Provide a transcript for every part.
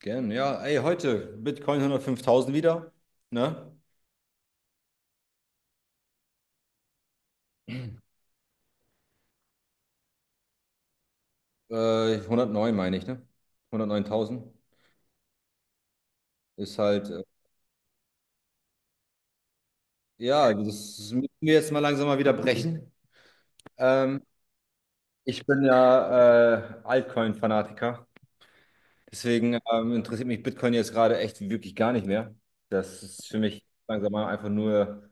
Gern, ja. Ey, heute Bitcoin 105.000 wieder, ne? Äh, 109 meine ich, ne? 109.000 ist halt, ja, das müssen wir jetzt mal langsam mal wieder brechen. Ähm, ich bin ja Altcoin-Fanatiker, deswegen interessiert mich Bitcoin jetzt gerade echt wirklich gar nicht mehr. Das ist für mich langsam mal einfach nur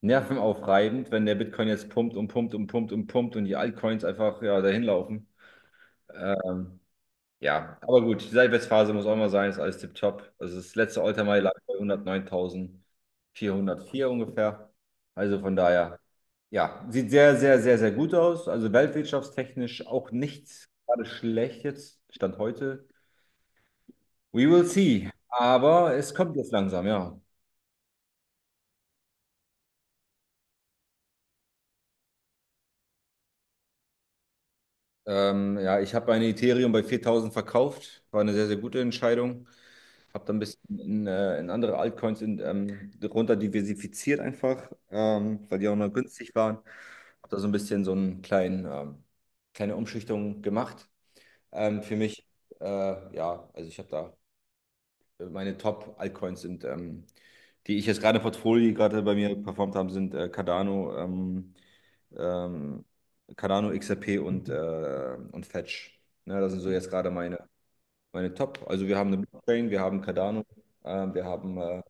nervenaufreibend, wenn der Bitcoin jetzt pumpt und pumpt und pumpt und pumpt und die Altcoins einfach ja dahin laufen. Ähm, Ja, aber gut, die Seitwärtsphase muss auch mal sein, ist alles tipptopp. Also das letzte All-Time-High lag bei 109.404 ungefähr. Also von daher, ja, sieht sehr, sehr, sehr, sehr gut aus. Also weltwirtschaftstechnisch auch nicht gerade schlecht jetzt, Stand heute. We will see. Aber es kommt jetzt langsam, ja. Ja, ich habe meine Ethereum bei 4.000 verkauft. War eine sehr, sehr gute Entscheidung. Habe dann ein bisschen in, in andere Altcoins in, runter diversifiziert einfach, weil die auch noch günstig waren. Habe da so ein bisschen so einen kleine Umschichtung gemacht für mich. Ja, also ich habe da meine Top-Altcoins sind, die ich jetzt gerade im Portfolio, die gerade bei mir performt haben, sind Cardano, ähm, XRP und und Fetch. Ne, das sind so jetzt gerade meine Top. Also wir haben eine Blockchain, wir haben Cardano, wir haben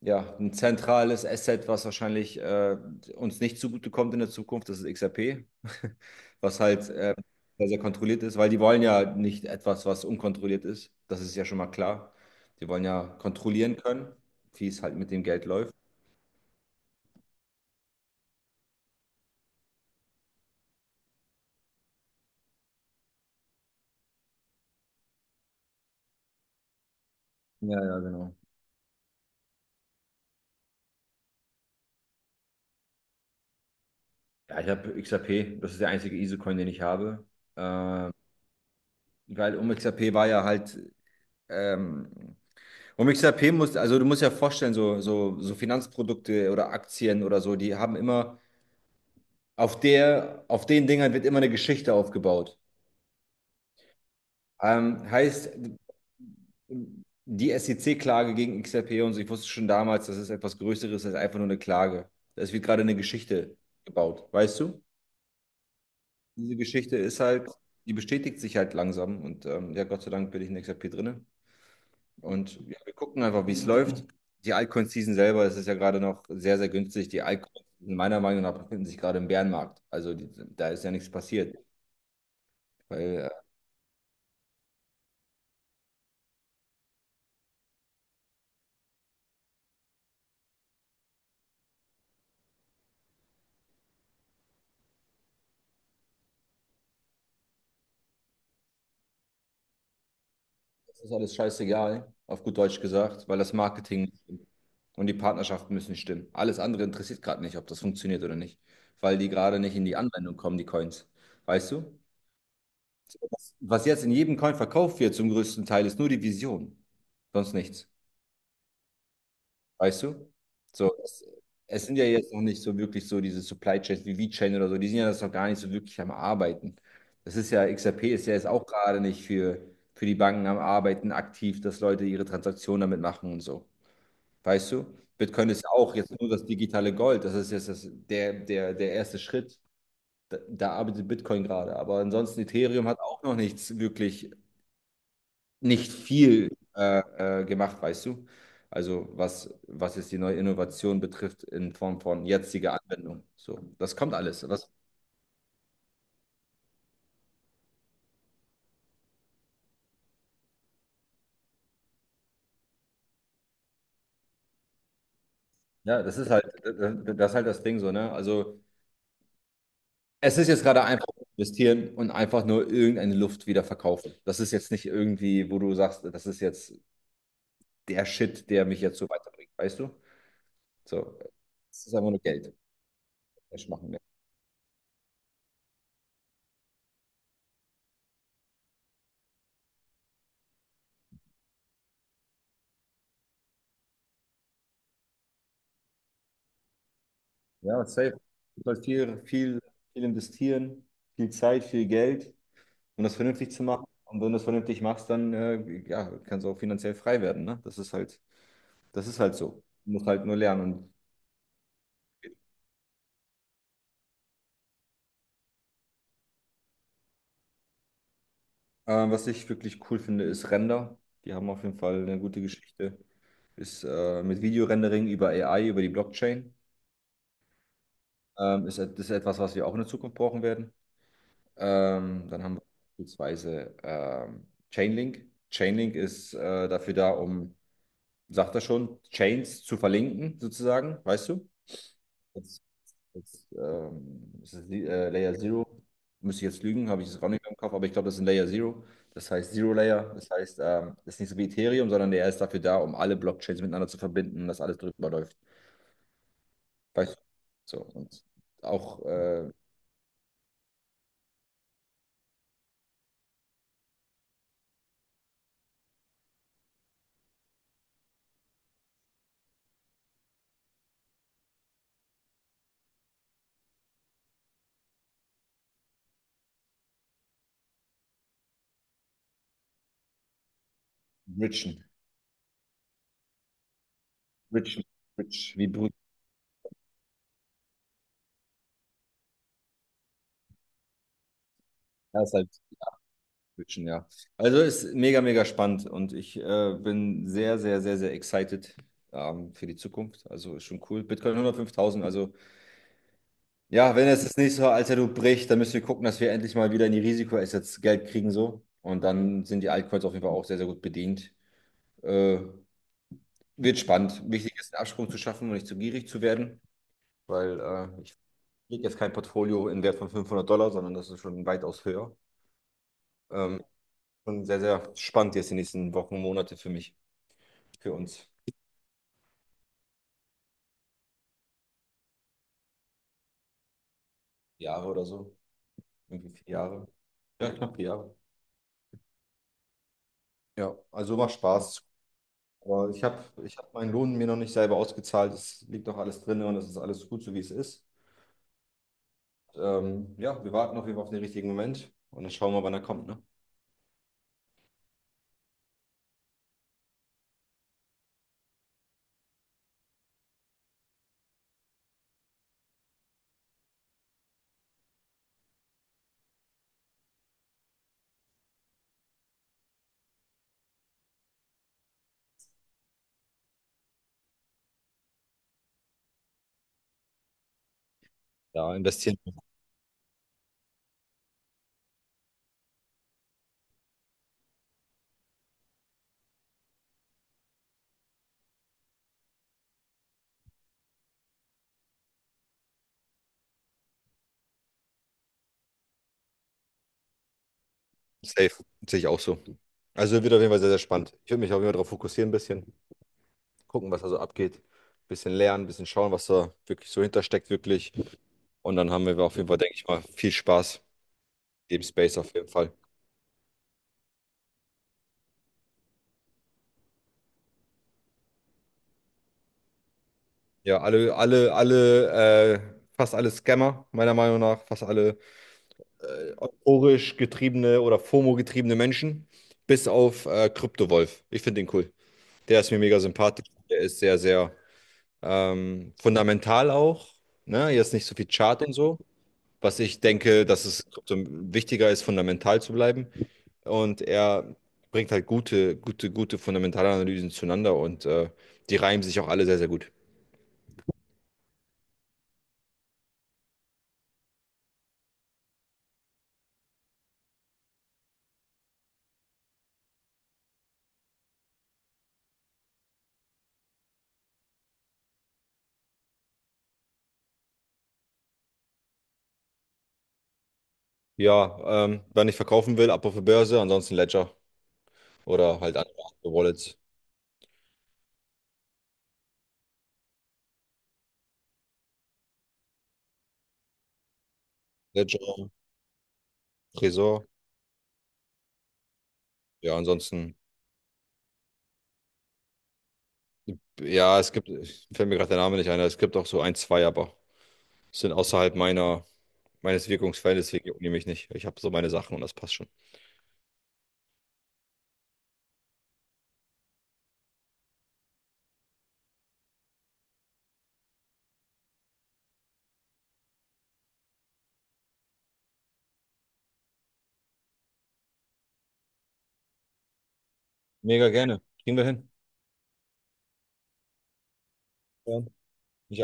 ja ein zentrales Asset, was wahrscheinlich uns nicht zugutekommt in der Zukunft, das ist XRP, was halt sehr, sehr kontrolliert ist, weil die wollen ja nicht etwas, was unkontrolliert ist. Das ist ja schon mal klar. Die wollen ja kontrollieren können, wie es halt mit dem Geld läuft. Ja, ja, genau. Ja, ich habe XRP, das ist der einzige ISO-Coin, den ich habe. Ähm, Weil um XRP war ja halt ähm, Und mit XRP musst, also du musst ja vorstellen, so Finanzprodukte oder Aktien oder so, die haben immer, auf den Dingern wird immer eine Geschichte aufgebaut. Heißt, die SEC-Klage gegen XRP und so, ich wusste schon damals, das ist etwas Größeres als einfach nur eine Klage. Es wird gerade eine Geschichte gebaut, weißt du? Diese Geschichte ist halt, die bestätigt sich halt langsam und ja, Gott sei Dank bin ich in XRP drinne. Und ja, wir gucken einfach, wie es läuft. Die Altcoin-Season selber, das ist ja gerade noch sehr, sehr günstig. Die Altcoins, meiner Meinung nach, befinden sich gerade im Bärenmarkt. Also die, da ist ja nichts passiert. Weil das ist alles scheißegal, auf gut Deutsch gesagt, weil das Marketing und die Partnerschaften müssen stimmen. Alles andere interessiert gerade nicht, ob das funktioniert oder nicht, weil die gerade nicht in die Anwendung kommen, die Coins. Weißt du? Was jetzt in jedem Coin verkauft wird zum größten Teil, ist nur die Vision, sonst nichts. Weißt du? So, es sind ja jetzt noch nicht so wirklich so diese Supply Chains wie VeChain oder so, die sind ja das noch gar nicht so wirklich am Arbeiten. Das ist ja, XRP ist ja jetzt auch gerade nicht für die Banken am Arbeiten aktiv, dass Leute ihre Transaktionen damit machen und so. Weißt du? Bitcoin ist ja auch jetzt nur das digitale Gold, das ist jetzt der erste Schritt. Da arbeitet Bitcoin gerade, aber ansonsten Ethereum hat auch noch nichts wirklich nicht viel gemacht, weißt du? Also was jetzt die neue Innovation betrifft in Form von jetziger Anwendung. So, das kommt alles. Das, ja, das ist halt, das ist halt das Ding so, ne? Also es ist jetzt gerade einfach investieren und einfach nur irgendeine Luft wieder verkaufen. Das ist jetzt nicht irgendwie, wo du sagst, das ist jetzt der Shit, der mich jetzt so weiterbringt, weißt du? So, es ist einfach nur Geld. Cash machen wir. Ja, safe. Du sollst viel, viel, viel investieren, viel Zeit, viel Geld, um das vernünftig zu machen. Und wenn du es vernünftig machst, dann ja, kannst du auch finanziell frei werden. Ne? Das ist halt so. Du musst halt nur lernen. Und was ich wirklich cool finde, ist Render. Die haben auf jeden Fall eine gute Geschichte. Ist mit Videorendering über AI, über die Blockchain. Das ist etwas, was wir auch in der Zukunft brauchen werden. Dann haben wir beispielsweise Chainlink. Chainlink ist dafür da, um, sagt er schon, Chains zu verlinken, sozusagen, weißt du? Das ist Layer Zero. Müsste ich jetzt lügen, habe ich es auch nicht mehr im Kopf, aber ich glaube, das ist ein Layer Zero. Das heißt Zero Layer. Das heißt, das ist nicht so wie Ethereum, sondern der ist dafür da, um alle Blockchains miteinander zu verbinden und dass alles drüber läuft. Weißt du? So. Und auch Richen. Richen. Rich. Wie Brü- Ja, ist halt Richen, ja. Also ist mega, mega spannend und ich bin sehr, sehr, sehr, sehr excited für die Zukunft. Also ist schon cool. Bitcoin 105.000, also. Ja, wenn es das nächste Alter bricht, dann müssen wir gucken, dass wir endlich mal wieder in die Risikoassets Geld kriegen so. Und dann sind die Altcoins auf jeden Fall auch sehr, sehr gut bedient. Äh, Wird spannend. Wichtig ist, einen Absprung zu schaffen und nicht zu gierig zu werden, weil ich kriege jetzt kein Portfolio in Wert von 500 Dollar, sondern das ist schon weitaus höher. Ähm, und sehr, sehr spannend jetzt die nächsten Wochen, Monate für mich, für uns. Jahre oder so. Irgendwie 4 Jahre. Ja, knapp 4 Jahre. Ja, also macht Spaß. Aber ich hab meinen Lohn mir noch nicht selber ausgezahlt. Es liegt noch alles drin und es ist alles gut, so wie es ist. Ja, wir warten auf jeden Fall auf den richtigen Moment und dann schauen wir, wann er kommt, ne? Ja, investieren. Safe. Sehe ich auch so. Also wird auf jeden Fall sehr, sehr spannend. Ich würde mich auf jeden Fall darauf fokussieren, ein bisschen gucken, was da so abgeht. Ein bisschen lernen, ein bisschen schauen, was da wirklich so hintersteckt, wirklich. Und dann haben wir auf jeden Fall, denke ich mal, viel Spaß. Dem Space auf jeden Fall. Ja, fast alle Scammer, meiner Meinung nach, fast alle euphorisch getriebene oder FOMO-getriebene Menschen, bis auf Kryptowolf. Ich finde den cool. Der ist mir mega sympathisch. Der ist sehr, sehr fundamental auch. Ne? Hier ist nicht so viel Chart und so, was ich denke, dass es Krypto wichtiger ist, fundamental zu bleiben. Und er bringt halt gute, gute, gute fundamentale Analysen zueinander und die reimen sich auch alle sehr, sehr gut. Ja, wenn ich verkaufen will, ab auf die Börse, ansonsten Ledger oder halt andere Wallets. Ledger, Tresor. Ja, ansonsten, ja, es gibt, fällt mir gerade der Name nicht ein, aber es gibt auch so ein, zwei, aber sind außerhalb meines Wirkungsfeldes, deswegen jucken die mich nicht. Ich habe so meine Sachen und das passt schon. Mega gerne. Kriegen wir hin. Ja. Ich